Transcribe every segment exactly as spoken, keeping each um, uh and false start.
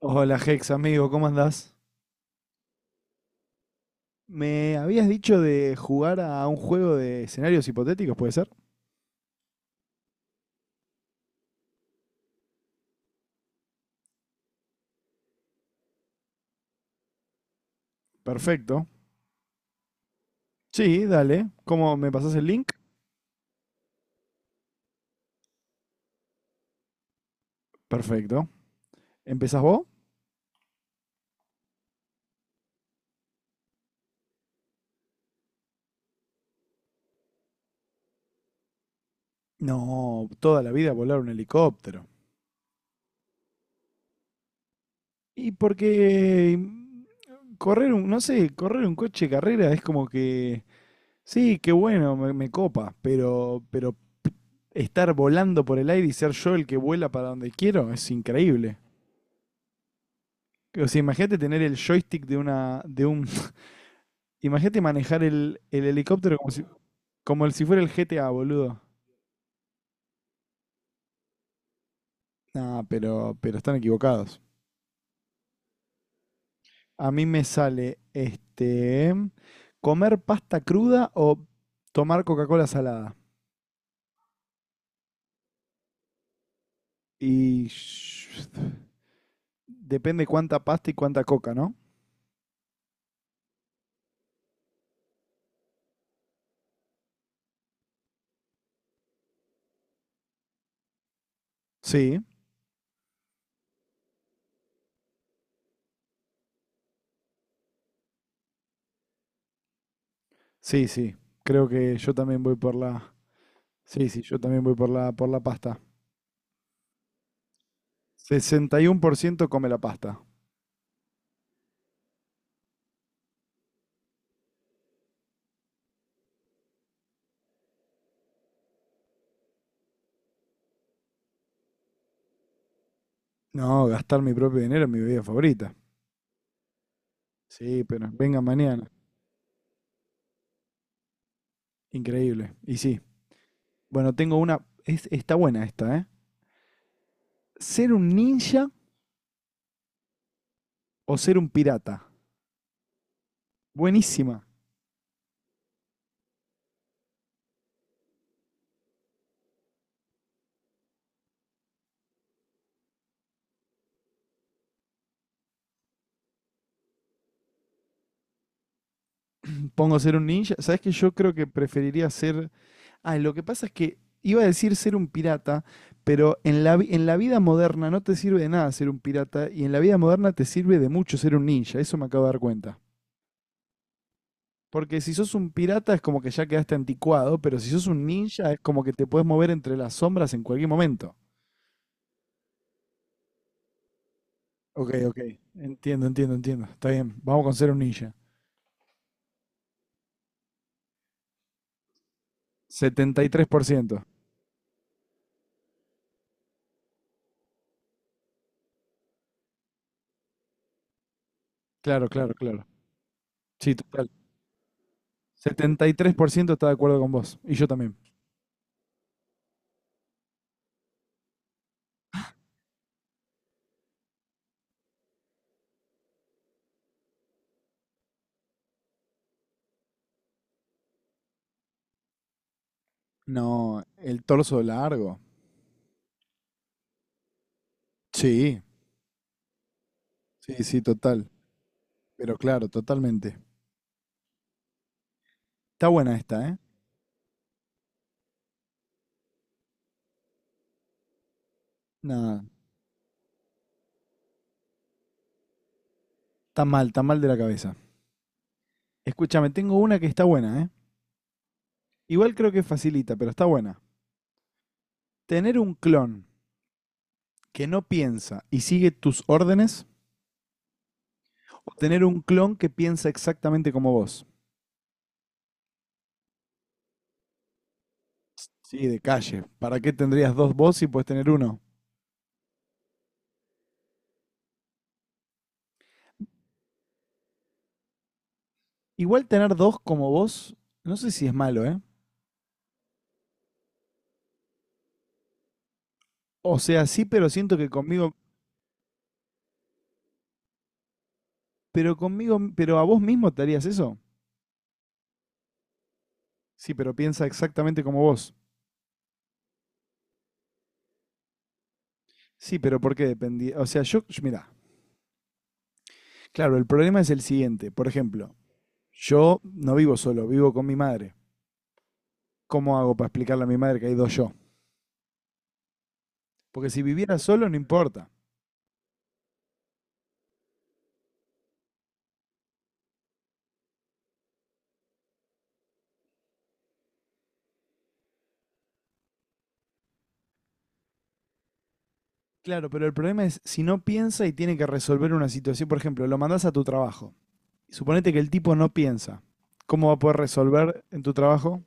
Hola Hex, amigo, ¿cómo andás? Me habías dicho de jugar a un juego de escenarios hipotéticos, ¿puede ser? Perfecto. Sí, dale. ¿Cómo me pasás el link? Perfecto. ¿Empezás vos? No, toda la vida volar un helicóptero. Y porque mm, correr un, no sé, correr un coche de carrera es como que, sí, qué bueno, me, me copa, pero, pero estar volando por el aire y ser yo el que vuela para donde quiero es increíble. O sea, imagínate tener el joystick de una, de un, imagínate manejar el, el helicóptero como si, como el, si fuera el G T A, boludo. No, pero, pero están equivocados. A mí me sale este comer pasta cruda o tomar Coca-Cola salada. Y depende cuánta pasta y cuánta coca, ¿no? Sí, sí, sí. Creo que yo también voy por la. Sí, sí, yo también voy por la, por la pasta. Sesenta y uno por ciento come la pasta. No, gastar mi propio dinero en mi bebida favorita. Sí, pero venga mañana. Increíble. Y sí. Bueno, tengo una. Es- está buena esta, ¿eh? ¿Ser un ninja o ser un pirata? Buenísima. Pongo ser un ninja. ¿Sabes que yo creo que preferiría ser? Ah, lo que pasa es que iba a decir ser un pirata, pero en la, vi- en la vida moderna no te sirve de nada ser un pirata y en la vida moderna te sirve de mucho ser un ninja. Eso me acabo de dar cuenta. Porque si sos un pirata es como que ya quedaste anticuado, pero si sos un ninja es como que te puedes mover entre las sombras en cualquier momento. Ok, ok. Entiendo, entiendo, entiendo. Está bien. Vamos con ser un ninja. Setenta y tres por ciento. Claro, claro, claro. Sí, total. Setenta y tres por ciento está de acuerdo con vos. Y yo también. No, el torso largo. Sí, sí, sí, total. Pero claro, totalmente. Está buena esta, ¿eh? Nada, está mal, está mal de la cabeza. Escúchame, tengo una que está buena, ¿eh? Igual creo que facilita, pero está buena. Tener un clon que no piensa y sigue tus órdenes, o tener un clon que piensa exactamente como vos. Sí, de calle. ¿Para qué tendrías dos vos si puedes tener uno? Igual tener dos como vos, no sé si es malo, ¿eh? O sea, sí, pero siento que conmigo, pero conmigo, pero a vos mismo te harías eso. Sí, pero piensa exactamente como vos. Sí, pero ¿por qué dependía? O sea, yo, mira, claro, el problema es el siguiente. Por ejemplo, yo no vivo solo, vivo con mi madre. ¿Cómo hago para explicarle a mi madre que hay dos yo? Porque si viviera solo, no importa. Claro, pero el problema es si no piensa y tiene que resolver una situación. Por ejemplo, lo mandás a tu trabajo. Suponete que el tipo no piensa. ¿Cómo va a poder resolver en tu trabajo?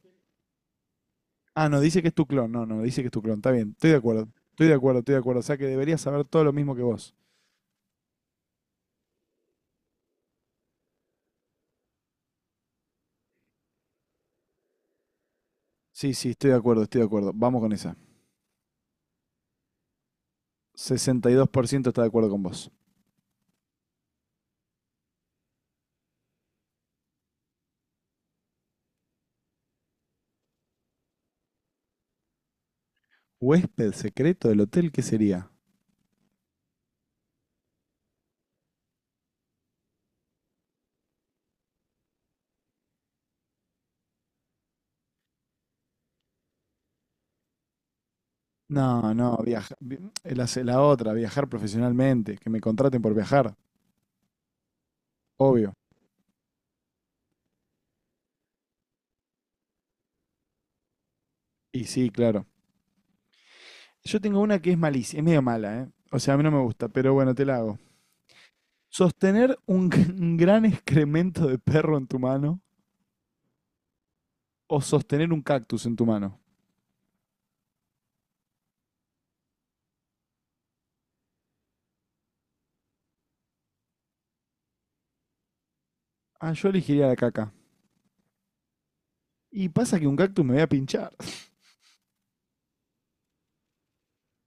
Ah, no, dice que es tu clon. No, no, dice que es tu clon. Está bien, estoy de acuerdo. Estoy de acuerdo, estoy de acuerdo. O sea que deberías saber todo lo mismo que vos. Sí, sí, estoy de acuerdo, estoy de acuerdo. Vamos con esa. Sesenta y dos por ciento está de acuerdo con vos. ¿Huésped secreto del hotel qué sería? No, no, viaja, vi- la, se- la otra, viajar profesionalmente, que me contraten por viajar, obvio. Y sí, claro. Yo tengo una que es malísima, es medio mala, ¿eh? O sea, a mí no me gusta, pero bueno, te la hago. ¿Sostener un, g- un gran excremento de perro en tu mano o sostener un cactus en tu mano? Ah, yo elegiría la caca. Y pasa que un cactus me voy a pinchar.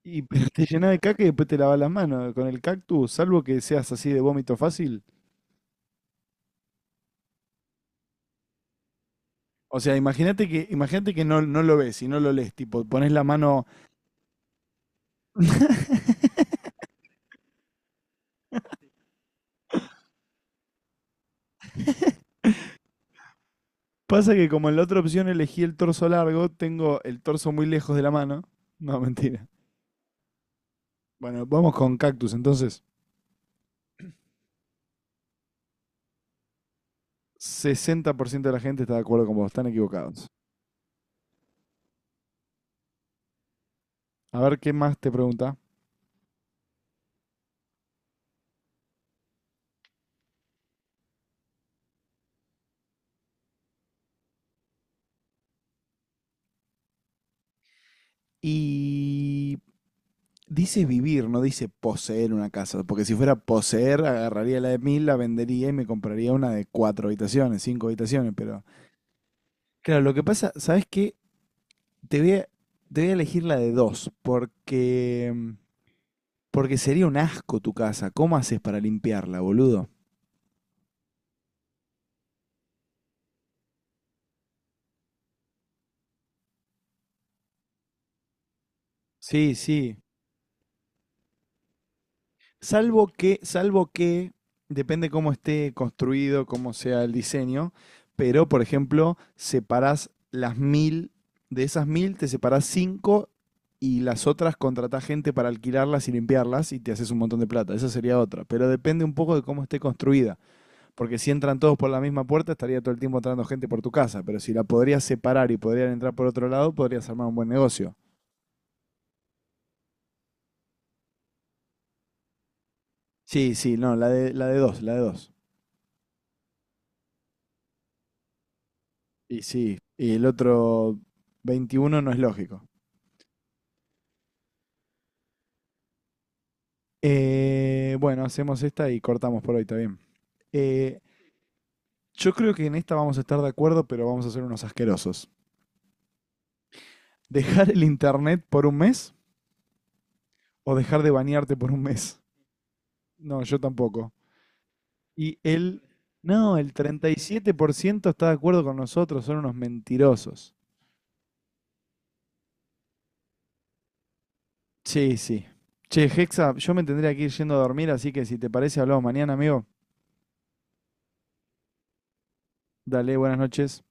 Y pero te llenas de caca y después te lavas las manos con el cactus, salvo que seas así de vómito fácil. O sea, imagínate que, imagínate que no, no lo ves y no lo lees, tipo, pones la mano. Pasa que como en la otra opción elegí el torso largo, tengo el torso muy lejos de la mano. No, mentira. Bueno, vamos con cactus, entonces. Sesenta por ciento de la gente está de acuerdo con vos, están equivocados. A ver qué más te pregunta. Y dice vivir, no dice poseer una casa, porque si fuera poseer, agarraría la de mil, la vendería y me compraría una de cuatro habitaciones, cinco habitaciones, pero claro, lo que pasa, ¿sabes qué? Te voy a, te voy a elegir la de dos, porque, porque sería un asco tu casa. ¿Cómo haces para limpiarla, boludo? Sí, sí. Salvo que, salvo que, depende cómo esté construido, cómo sea el diseño, pero por ejemplo, separás las mil, de esas mil te separás cinco y las otras contratás gente para alquilarlas y limpiarlas y te haces un montón de plata. Esa sería otra. Pero depende un poco de cómo esté construida. Porque si entran todos por la misma puerta, estaría todo el tiempo entrando gente por tu casa. Pero si la podrías separar y podrían entrar por otro lado, podrías armar un buen negocio. Sí, sí, no, la de, la de dos, la de dos. Y sí, y el otro veintiuno no es lógico. Eh, bueno, hacemos esta y cortamos por hoy, está bien. Eh, yo creo que en esta vamos a estar de acuerdo, pero vamos a ser unos asquerosos. ¿Dejar el internet por un mes o dejar de bañarte por un mes? No, yo tampoco. Y él, no, el treinta y siete por ciento está de acuerdo con nosotros, son unos mentirosos. Sí, sí. Che, Hexa, yo me tendría que ir yendo a dormir, así que si te parece, hablamos mañana, amigo. Dale, buenas noches.